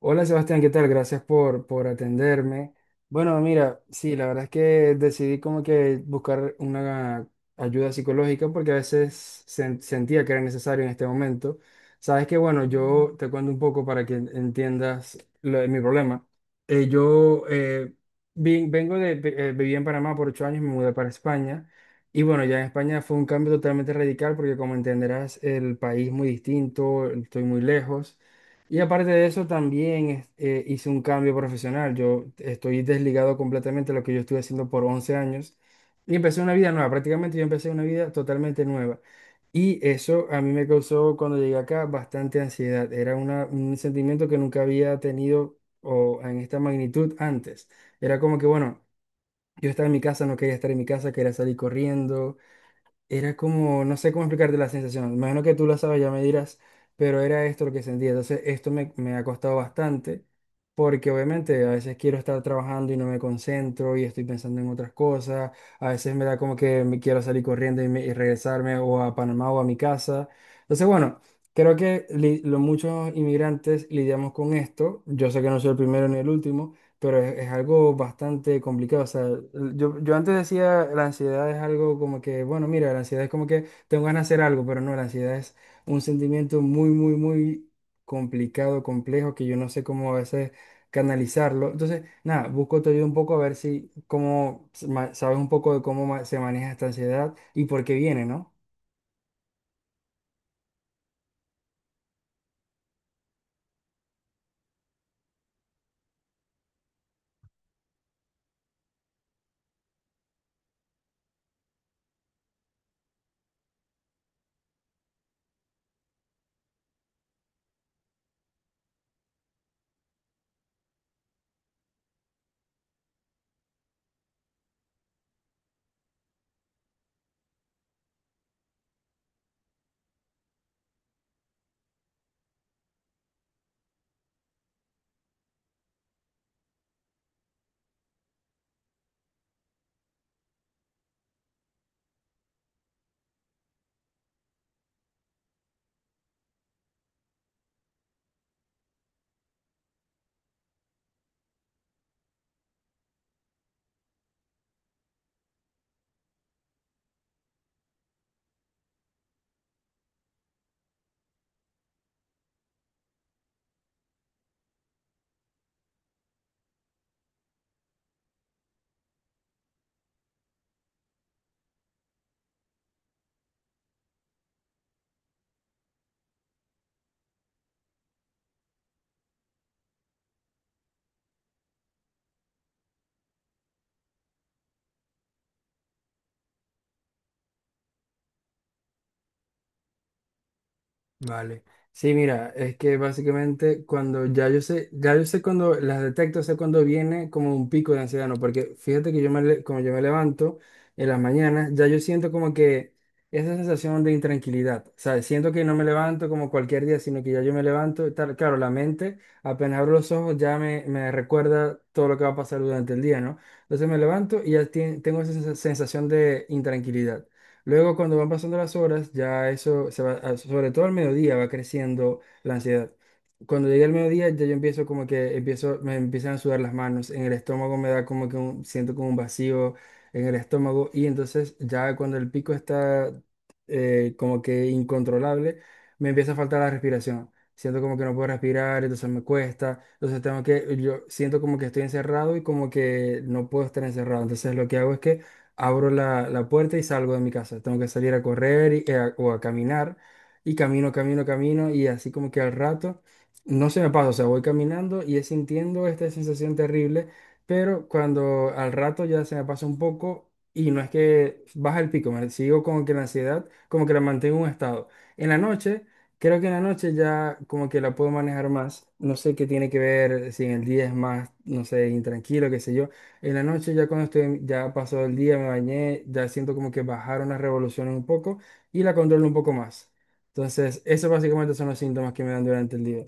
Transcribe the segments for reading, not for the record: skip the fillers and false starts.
Hola Sebastián, ¿qué tal? Gracias por atenderme. Bueno, mira, sí, la verdad es que decidí como que buscar una ayuda psicológica porque a veces sentía que era necesario en este momento. Sabes que, bueno, yo te cuento un poco para que entiendas lo de mi problema. Yo vengo de, viví en Panamá por 8 años, me mudé para España. Y bueno, ya en España fue un cambio totalmente radical porque como entenderás, el país muy distinto, estoy muy lejos. Y aparte de eso, también hice un cambio profesional. Yo estoy desligado completamente de lo que yo estuve haciendo por 11 años y empecé una vida nueva. Prácticamente yo empecé una vida totalmente nueva. Y eso a mí me causó cuando llegué acá bastante ansiedad. Era un sentimiento que nunca había tenido o en esta magnitud antes. Era como que, bueno, yo estaba en mi casa, no quería estar en mi casa, quería salir corriendo. Era como, no sé cómo explicarte la sensación, imagino que tú la sabes, ya me dirás, pero era esto lo que sentía. Entonces, esto me ha costado bastante, porque obviamente a veces quiero estar trabajando y no me concentro y estoy pensando en otras cosas, a veces me da como que me quiero salir corriendo y regresarme o a Panamá o a mi casa. Entonces, bueno, creo que muchos inmigrantes lidiamos con esto, yo sé que no soy el primero ni el último pero es algo bastante complicado. O sea, yo antes decía la ansiedad es algo como que, bueno, mira, la ansiedad es como que tengo ganas de hacer algo, pero no, la ansiedad es un sentimiento muy, muy, muy complicado, complejo, que yo no sé cómo a veces canalizarlo. Entonces, nada, busco tu ayuda un poco a ver si, cómo, sabes un poco de cómo se maneja esta ansiedad y por qué viene, ¿no? Vale. Sí, mira, es que básicamente cuando ya yo sé cuando las detecto, sé cuando viene como un pico de ansiedad, ¿no? Porque fíjate que yo como yo me levanto en las mañanas, ya yo siento como que esa sensación de intranquilidad, o sea, siento que no me levanto como cualquier día, sino que ya yo me levanto, y tal, claro, la mente, apenas abro los ojos, ya me recuerda todo lo que va a pasar durante el día, ¿no? Entonces me levanto y ya tengo esa sensación de intranquilidad. Luego, cuando van pasando las horas, ya eso se va, sobre todo al mediodía, va creciendo la ansiedad. Cuando llega el mediodía, ya yo empiezo como que empiezo, me empiezan a sudar las manos, en el estómago me da como que siento como un vacío en el estómago y entonces ya cuando el pico está como que incontrolable, me empieza a faltar la respiración. Siento como que no puedo respirar, entonces me cuesta, entonces tengo que, yo siento como que estoy encerrado y como que no puedo estar encerrado. Entonces lo que hago es que abro la puerta y salgo de mi casa. Tengo que salir a correr o a caminar y camino, camino, camino y así como que al rato no se me pasa, o sea, voy caminando y es sintiendo esta sensación terrible, pero cuando al rato ya se me pasa un poco y no es que baja el pico, me sigo como que la ansiedad, como que la mantengo en un estado. En la noche, creo que en la noche ya como que la puedo manejar más, no sé qué tiene que ver, si en el día es más, no sé, intranquilo, qué sé yo en la noche, ya cuando estoy, ya pasó el día, me bañé, ya siento como que bajaron las revoluciones un poco y la controlo un poco más. Entonces, esos básicamente son los síntomas que me dan durante el día.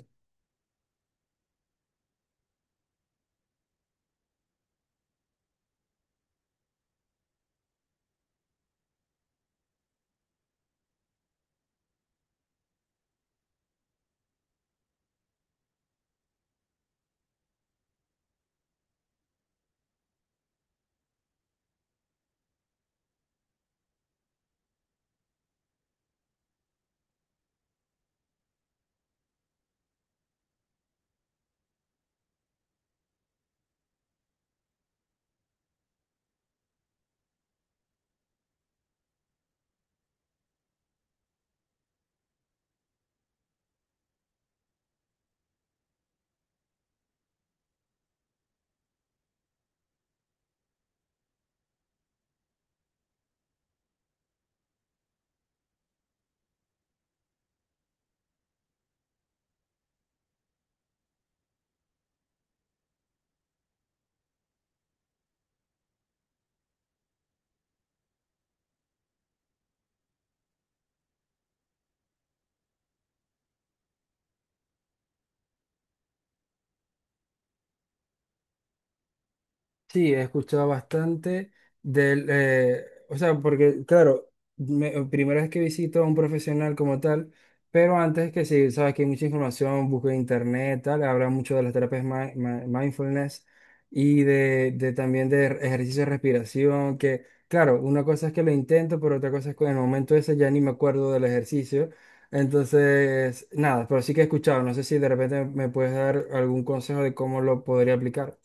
Sí, he escuchado bastante del, eh, o sea, porque claro, primera vez que visito a un profesional como tal, pero antes que sí, sabes que hay mucha información, busco en internet, tal, habla mucho de las terapias mindfulness y de también de ejercicio de respiración, que claro, una cosa es que lo intento, pero otra cosa es que en el momento ese ya ni me acuerdo del ejercicio. Entonces, nada, pero sí que he escuchado, no sé si de repente me puedes dar algún consejo de cómo lo podría aplicar.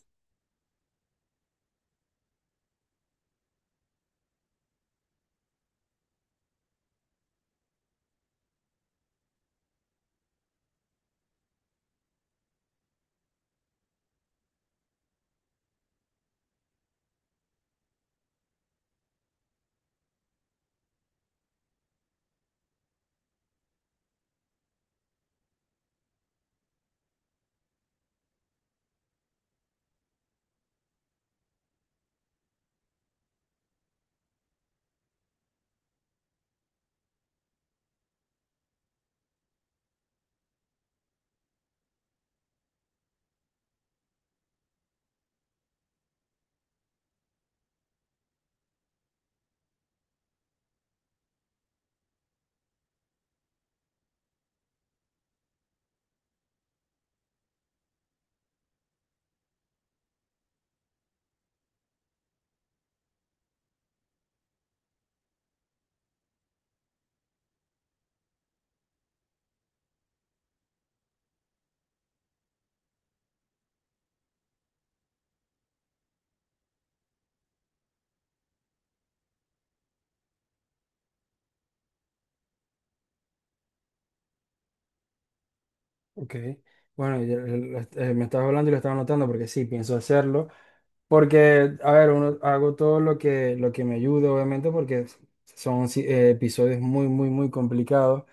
Ok, bueno, y me estabas hablando y lo estaba anotando porque sí, pienso hacerlo. Porque, a ver, uno, hago todo lo que me ayuda, obviamente, porque son sí, episodios muy, muy, muy complicados.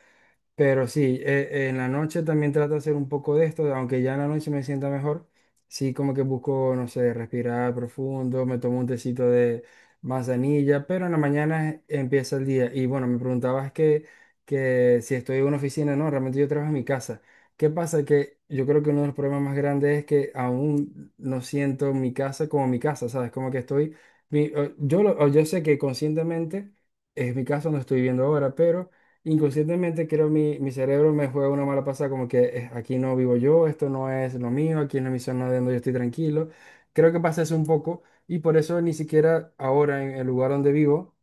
Pero sí, en la noche también trato de hacer un poco de esto, aunque ya en la noche me sienta mejor. Sí, como que busco, no sé, respirar profundo, me tomo un tecito de manzanilla, pero en la mañana empieza el día. Y bueno, me preguntabas que si estoy en una oficina, no, realmente yo trabajo en mi casa. ¿Qué pasa? Que yo creo que uno de los problemas más grandes es que aún no siento mi casa como mi casa, ¿sabes? Como que estoy, mi- o- yo, lo- o yo sé que conscientemente es mi casa donde estoy viviendo ahora, pero inconscientemente creo mi cerebro me juega una mala pasada como que aquí no vivo yo, esto no es lo mío, aquí no es mi zona de donde yo estoy tranquilo. Creo que pasa eso un poco y por eso ni siquiera ahora en el lugar donde vivo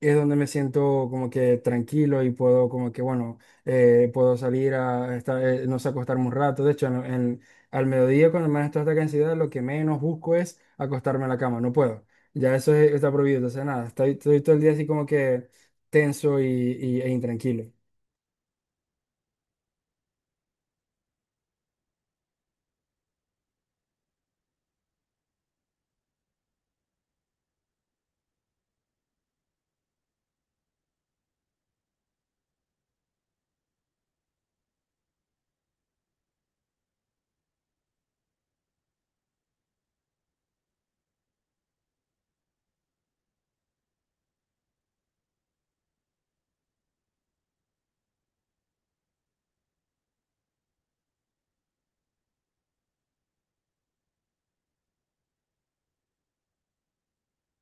es donde me siento como que tranquilo y puedo como que bueno, puedo salir a estar, no sé, acostarme un rato. De hecho, al mediodía cuando más estoy hasta acá en ciudad, lo que menos busco es acostarme en la cama, no puedo. Ya eso está prohibido, entonces nada, estoy todo el día así como que tenso e intranquilo.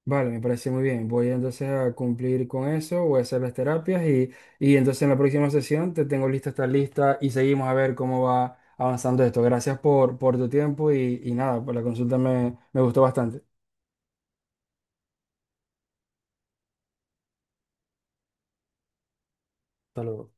Vale, me parece muy bien. Voy entonces a cumplir con eso, voy a hacer las terapias y entonces en la próxima sesión te tengo lista esta lista y seguimos a ver cómo va avanzando esto. Gracias por tu tiempo y nada, por la consulta me gustó bastante. Hasta luego.